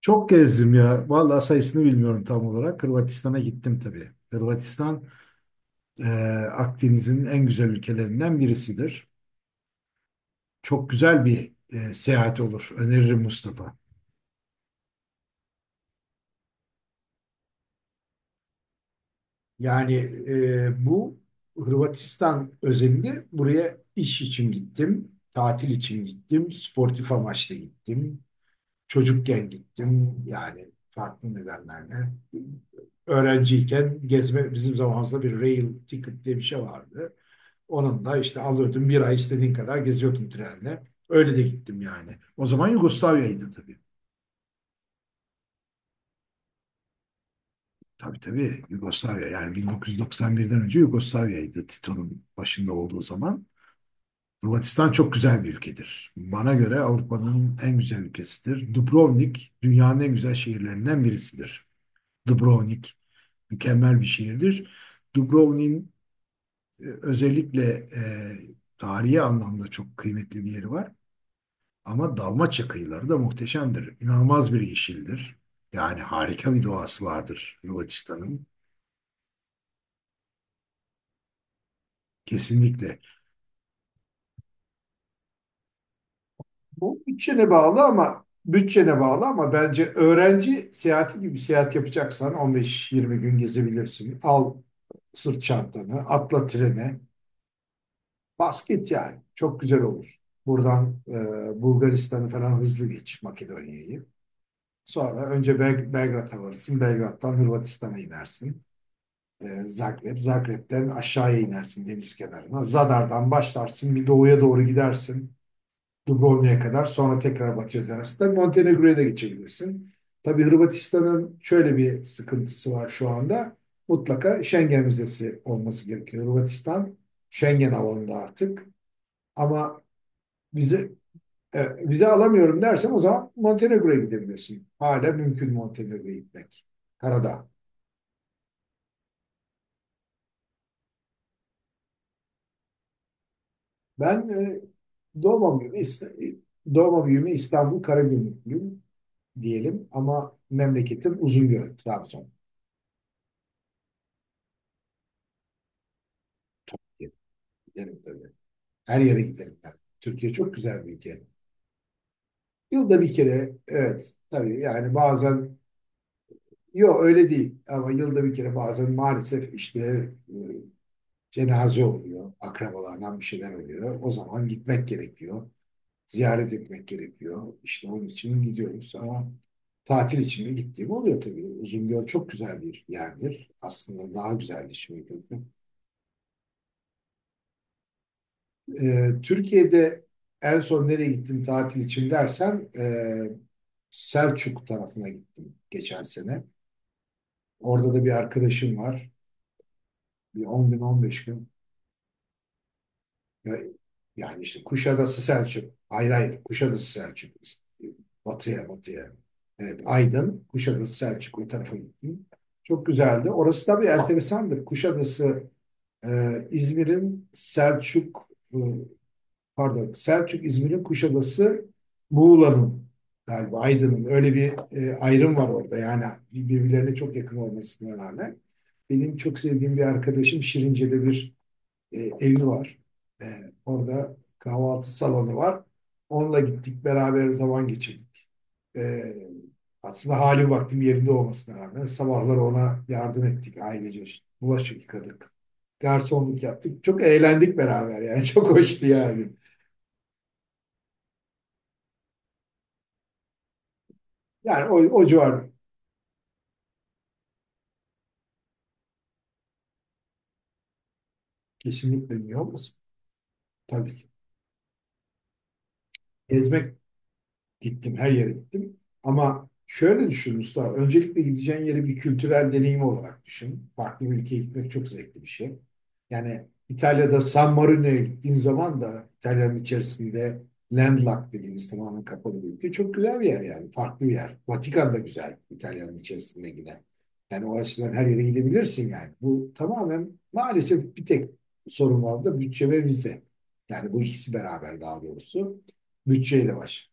Çok gezdim ya. Vallahi sayısını bilmiyorum tam olarak. Hırvatistan'a gittim tabii. Hırvatistan e, Akdeniz'in en güzel ülkelerinden birisidir. Çok güzel bir seyahat olur. Öneririm Mustafa. Yani bu Hırvatistan özelinde buraya iş için gittim, tatil için gittim, sportif amaçla gittim. Çocukken gittim yani farklı nedenlerle. Öğrenciyken gezme bizim zamanımızda bir rail ticket diye bir şey vardı. Onun da işte alıyordum bir ay istediğin kadar geziyordum trenle. Öyle de gittim yani. O zaman Yugoslavya'ydı tabii. Tabii tabii Yugoslavya yani 1991'den önce Yugoslavya'ydı Tito'nun başında olduğu zaman. Hırvatistan çok güzel bir ülkedir. Bana göre Avrupa'nın en güzel ülkesidir. Dubrovnik dünyanın en güzel şehirlerinden birisidir. Dubrovnik mükemmel bir şiirdir. Dubrovnik'in özellikle tarihi anlamda çok kıymetli bir yeri var. Ama Dalmaçya kıyıları da muhteşemdir. İnanılmaz bir yeşildir. Yani harika bir doğası vardır Hırvatistan'ın. Kesinlikle. Bu bütçene bağlı ama bence öğrenci seyahati gibi seyahat yapacaksan 15-20 gün gezebilirsin. Al sırt çantanı, atla trene. Basket yani. Çok güzel olur. Buradan Bulgaristan'ı falan hızlı geç Makedonya'yı. Sonra önce Belgrad'a varırsın. Belgrad'dan Hırvatistan'a inersin. Zagreb. Zagreb'den aşağıya inersin deniz kenarına. Zadar'dan başlarsın. Bir doğuya doğru gidersin. Dubrovnik'e kadar. Sonra tekrar batıya dönersin. Tabii Montenegro'ya da geçebilirsin. Tabii Hırvatistan'ın şöyle bir sıkıntısı var şu anda. Mutlaka Schengen vizesi olması gerekiyor. Hırvatistan Schengen alanında artık. Ama vize vize alamıyorum dersem o zaman Montenegro'ya gidebilirsin. Hala mümkün Montenegro'ya gitmek. Karada. Ben e, doğma büyüme, İsta- Doğma büyüme İstanbul Karagümrüklüyüm diyelim ama memleketim Uzungöl, Trabzon. Giderim tabii. Her yere giderim ben. Türkiye çok güzel bir ülke. Yılda bir kere evet tabii yani bazen yok öyle değil ama yılda bir kere bazen maalesef işte e, cenaze oluyor, akrabalardan bir şeyler oluyor. O zaman gitmek gerekiyor, ziyaret etmek gerekiyor. İşte onun için gidiyoruz ama tatil için de gittiğim oluyor tabii. Uzungöl çok güzel bir yerdir. Aslında daha güzeldi şimdi. Gördüm. Türkiye'de en son nereye gittim tatil için dersen Selçuk tarafına gittim geçen sene. Orada da bir arkadaşım var. Bir 10 gün 15 gün Ya- yani işte Kuşadası Selçuk. Hayır hayır Kuşadası Selçuk. Batıya batıya. Evet Aydın, Kuşadası Selçuk o tarafa gittim. Çok güzeldi. Orası tabii enteresandır. Kuşadası e, İzmir'in Selçuk e, pardon Selçuk İzmir'in Kuşadası Muğla'nın galiba Aydın'ın öyle bir ayrım var orada. Yani birbirlerine çok yakın olmasına rağmen. Benim çok sevdiğim bir arkadaşım Şirince'de bir evi var. E, Orada kahvaltı salonu var. Onunla gittik beraber zaman geçirdik. E, Aslında hali vaktim yerinde olmasına rağmen sabahları ona yardım ettik ailece. Bulaşık yıkadık. Garsonluk yaptık. Çok eğlendik beraber yani. Çok hoştu yani. Yani o civar kesinlikle New York. Tabii ki. Gezmek Gittim, her yere gittim. Ama şöyle düşün Mustafa, öncelikle gideceğin yeri bir kültürel deneyim olarak düşün. Farklı bir ülkeye gitmek çok zevkli bir şey. Yani İtalya'da San Marino'ya gittiğin zaman da İtalya'nın içerisinde landlocked dediğimiz tamamen kapalı bir ülke. Çok güzel bir yer yani, farklı bir yer. Vatikan da güzel İtalya'nın içerisinde yine. Yani o açıdan her yere gidebilirsin yani. Bu tamamen maalesef bir tek sorun var da bütçe ve vize. Yani bu ikisi beraber daha doğrusu bütçeyle baş.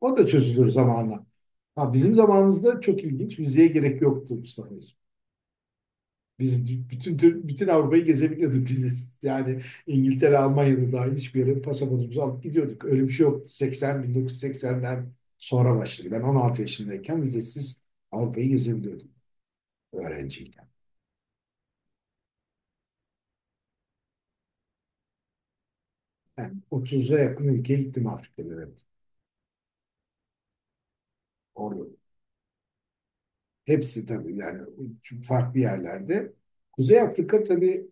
O da çözülür zamanla. Ha, bizim zamanımızda çok ilginç. Vizeye gerek yoktu Mustafa'cığım. Biz bütün Avrupa'yı gezebiliyorduk biz. Yani İngiltere, Almanya'da dahil hiçbir yere pasaportumuzu alıp gidiyorduk. Öyle bir şey yok. 1980'den sonra başladı. Ben 16 yaşındayken vizesiz Avrupa'yı gezebiliyordum öğrenciyken. Yani 30'a yakın ülkeye gittim Afrika'da evet. Orada. Hepsi tabii yani farklı yerlerde. Kuzey Afrika tabii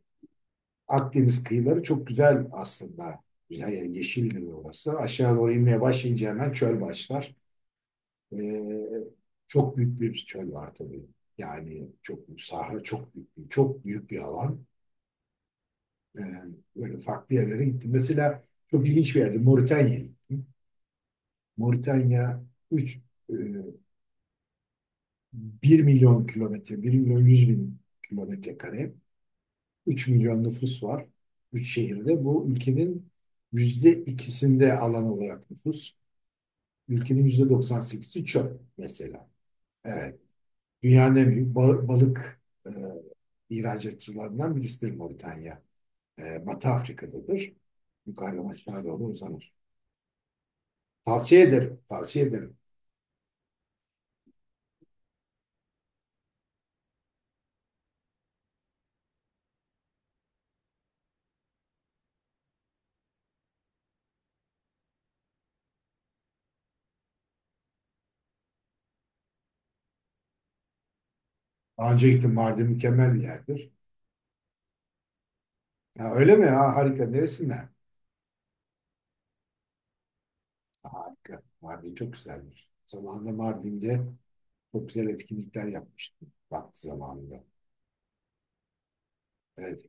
Akdeniz kıyıları çok güzel aslında. Güzel yani yeşildir orası. Aşağı doğru inmeye başlayınca hemen çöl başlar. Ee, çok büyük bir çöl var tabii. Yani çok büyük sahra, çok büyük bir, çok büyük bir alan. Ee, böyle farklı yerlere gittim. Mesela çok ilginç bir yerde Moritanya'ya gittim. Moritanya 3 1 milyon kilometre, 1 milyon 100 bin kilometre kare. 3 milyon nüfus var. 3 şehirde. Bu ülkenin %2'sinde alan olarak nüfus. Ülkenin yüzde 98'i çöl mesela. Evet. Dünyanın en büyük balık e, ihracatçılarından birisidir Moritanya. Batı Afrika'dadır. Yukarıdan aşağı doğru uzanır. Tavsiye ederim. Tavsiye ederim. Daha önce gittim. Mardin mükemmel bir yerdir. Ha, öyle mi? Ha, harika. Neresinden? Harika. Mardin çok güzelmiş. Zamanında Mardin'de çok güzel etkinlikler yapmıştım. Vakti zamanında. Evet.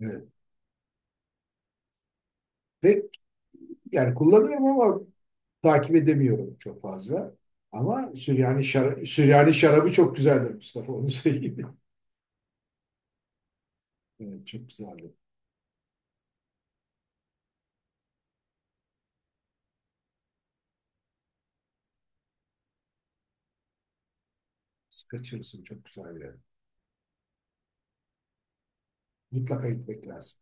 Evet. Ve yani kullanıyorum ama takip edemiyorum çok fazla. Ama Süryani, Süryani şarabı çok güzeldir Mustafa. Onu söyleyeyim. Evet, çok güzeldir. Siz kaçırırsın. Çok güzel bir yer. Mutlaka gitmek lazım.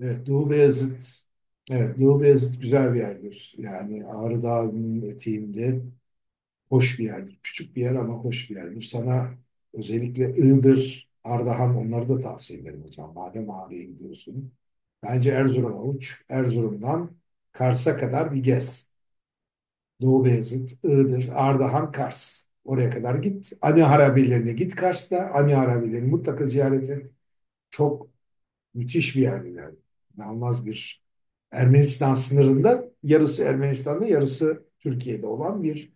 Evet. Doğu Beyazıt. Evet. Doğu Beyazıt güzel bir yerdir. Yani Ağrı Dağı'nın eteğinde. Hoş bir yerdir. Küçük bir yer ama hoş bir yerdir. Sana özellikle Iğdır, Ardahan onları da tavsiye ederim hocam. Madem Ağrı'ya gidiyorsun. Bence Erzurum'a uç. Erzurum'dan Kars'a kadar bir gez. Doğu Beyazıt, Iğdır, Ardahan, Kars. Oraya kadar git. Ani Harabelerine git Kars'ta. Ani Harabelerini mutlaka ziyaret et. Çok müthiş bir yer yani. İnanılmaz bir Ermenistan sınırında yarısı Ermenistan'da yarısı Türkiye'de olan bir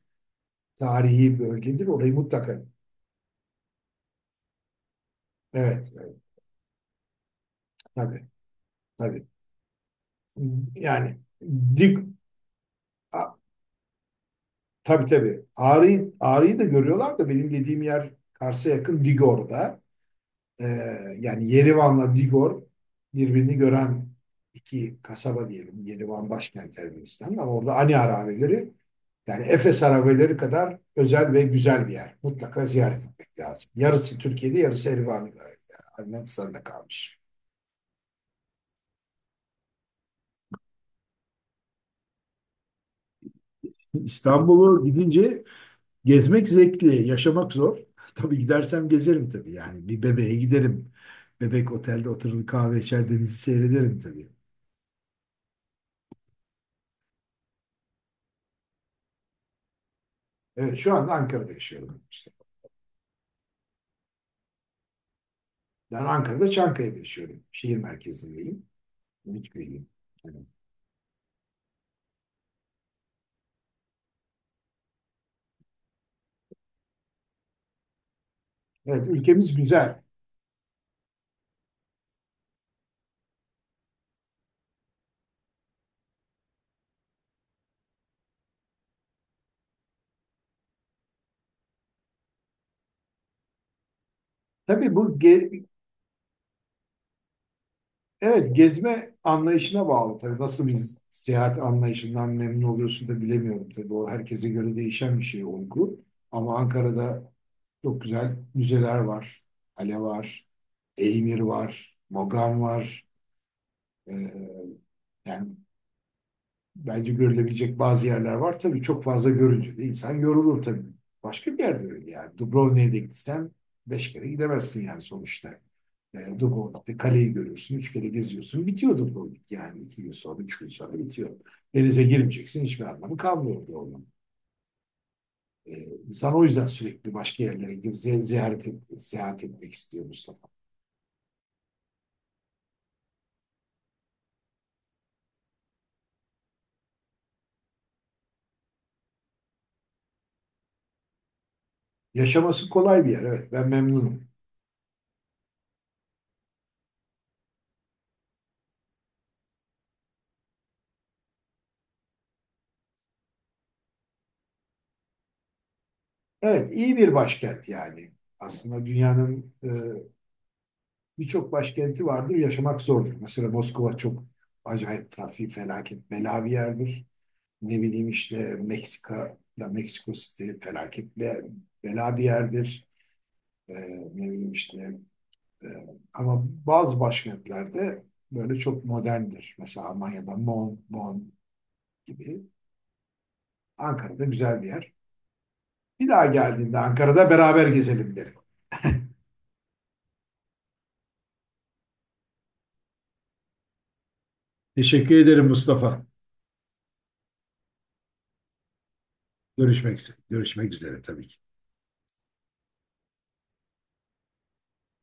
tarihi bölgedir. Orayı mutlaka. Evet, evet, tabii, tabii. Yani dik, a, tabii tabii. Ağrı'yı da görüyorlar da benim dediğim yer Kars'a yakın Digor'da. Ee, yani Yerivan'la Digor birbirini gören iki kasaba diyelim. Yerivan başkent Ermenistan ama orada Ani Harabeleri yani Efes Harabeleri kadar özel ve güzel bir yer. Mutlaka ziyaret etmek lazım. Yarısı Türkiye'de, yarısı Erivan, Ermenistan'da kalmış. İstanbul'u gidince gezmek zevkli, yaşamak zor. Tabii gidersem gezerim tabii. Yani bir bebeğe giderim. Bebek otelde oturur kahve içer denizi seyrederim tabii. Evet, şu anda Ankara'da yaşıyorum işte. Ben Ankara'da Çankaya'da yaşıyorum. Şehir merkezindeyim. Ümitköy'deyim. Evet. Evet, ülkemiz güzel. Tabii evet gezme anlayışına bağlı. Tabii nasıl bir seyahat anlayışından memnun oluyorsun da bilemiyorum. Tabii o herkese göre değişen bir şey olgu. Ama Ankara'da çok güzel müzeler var. Kale var. Eymir var. Mogan var. Ee, yani bence görülebilecek bazı yerler var. Tabii çok fazla görünce de insan yorulur tabii. Başka bir yerde öyle yani. Dubrovnik'e de gitsen 5 kere gidemezsin yani sonuçta. Dubrovnik'te kaleyi görüyorsun, 3 kere geziyorsun. Bitiyor Dubrovnik yani 2 gün sonra, 3 gün sonra bitiyor. Denize girmeyeceksin, hiçbir anlamı kalmıyor orada olmanın. E, insan o yüzden sürekli başka yerlere gidip ziyaret et, seyahat etmek istiyor Mustafa. Yaşaması kolay bir yer. Evet, ben memnunum. Evet, iyi bir başkent yani. Aslında dünyanın birçok başkenti vardır, yaşamak zordur. Mesela Moskova çok acayip trafiği felaket bela bir yerdir. Ne bileyim işte Meksika ya Meksiko City felaket bela bir yerdir. E, Ne bileyim işte e, ama bazı başkentlerde böyle çok moderndir. Mesela Almanya'da Bonn gibi. Ankara'da güzel bir yer. Bir daha geldiğinde Ankara'da beraber gezelim derim. Teşekkür ederim Mustafa. Görüşmek üzere. Görüşmek üzere tabii ki.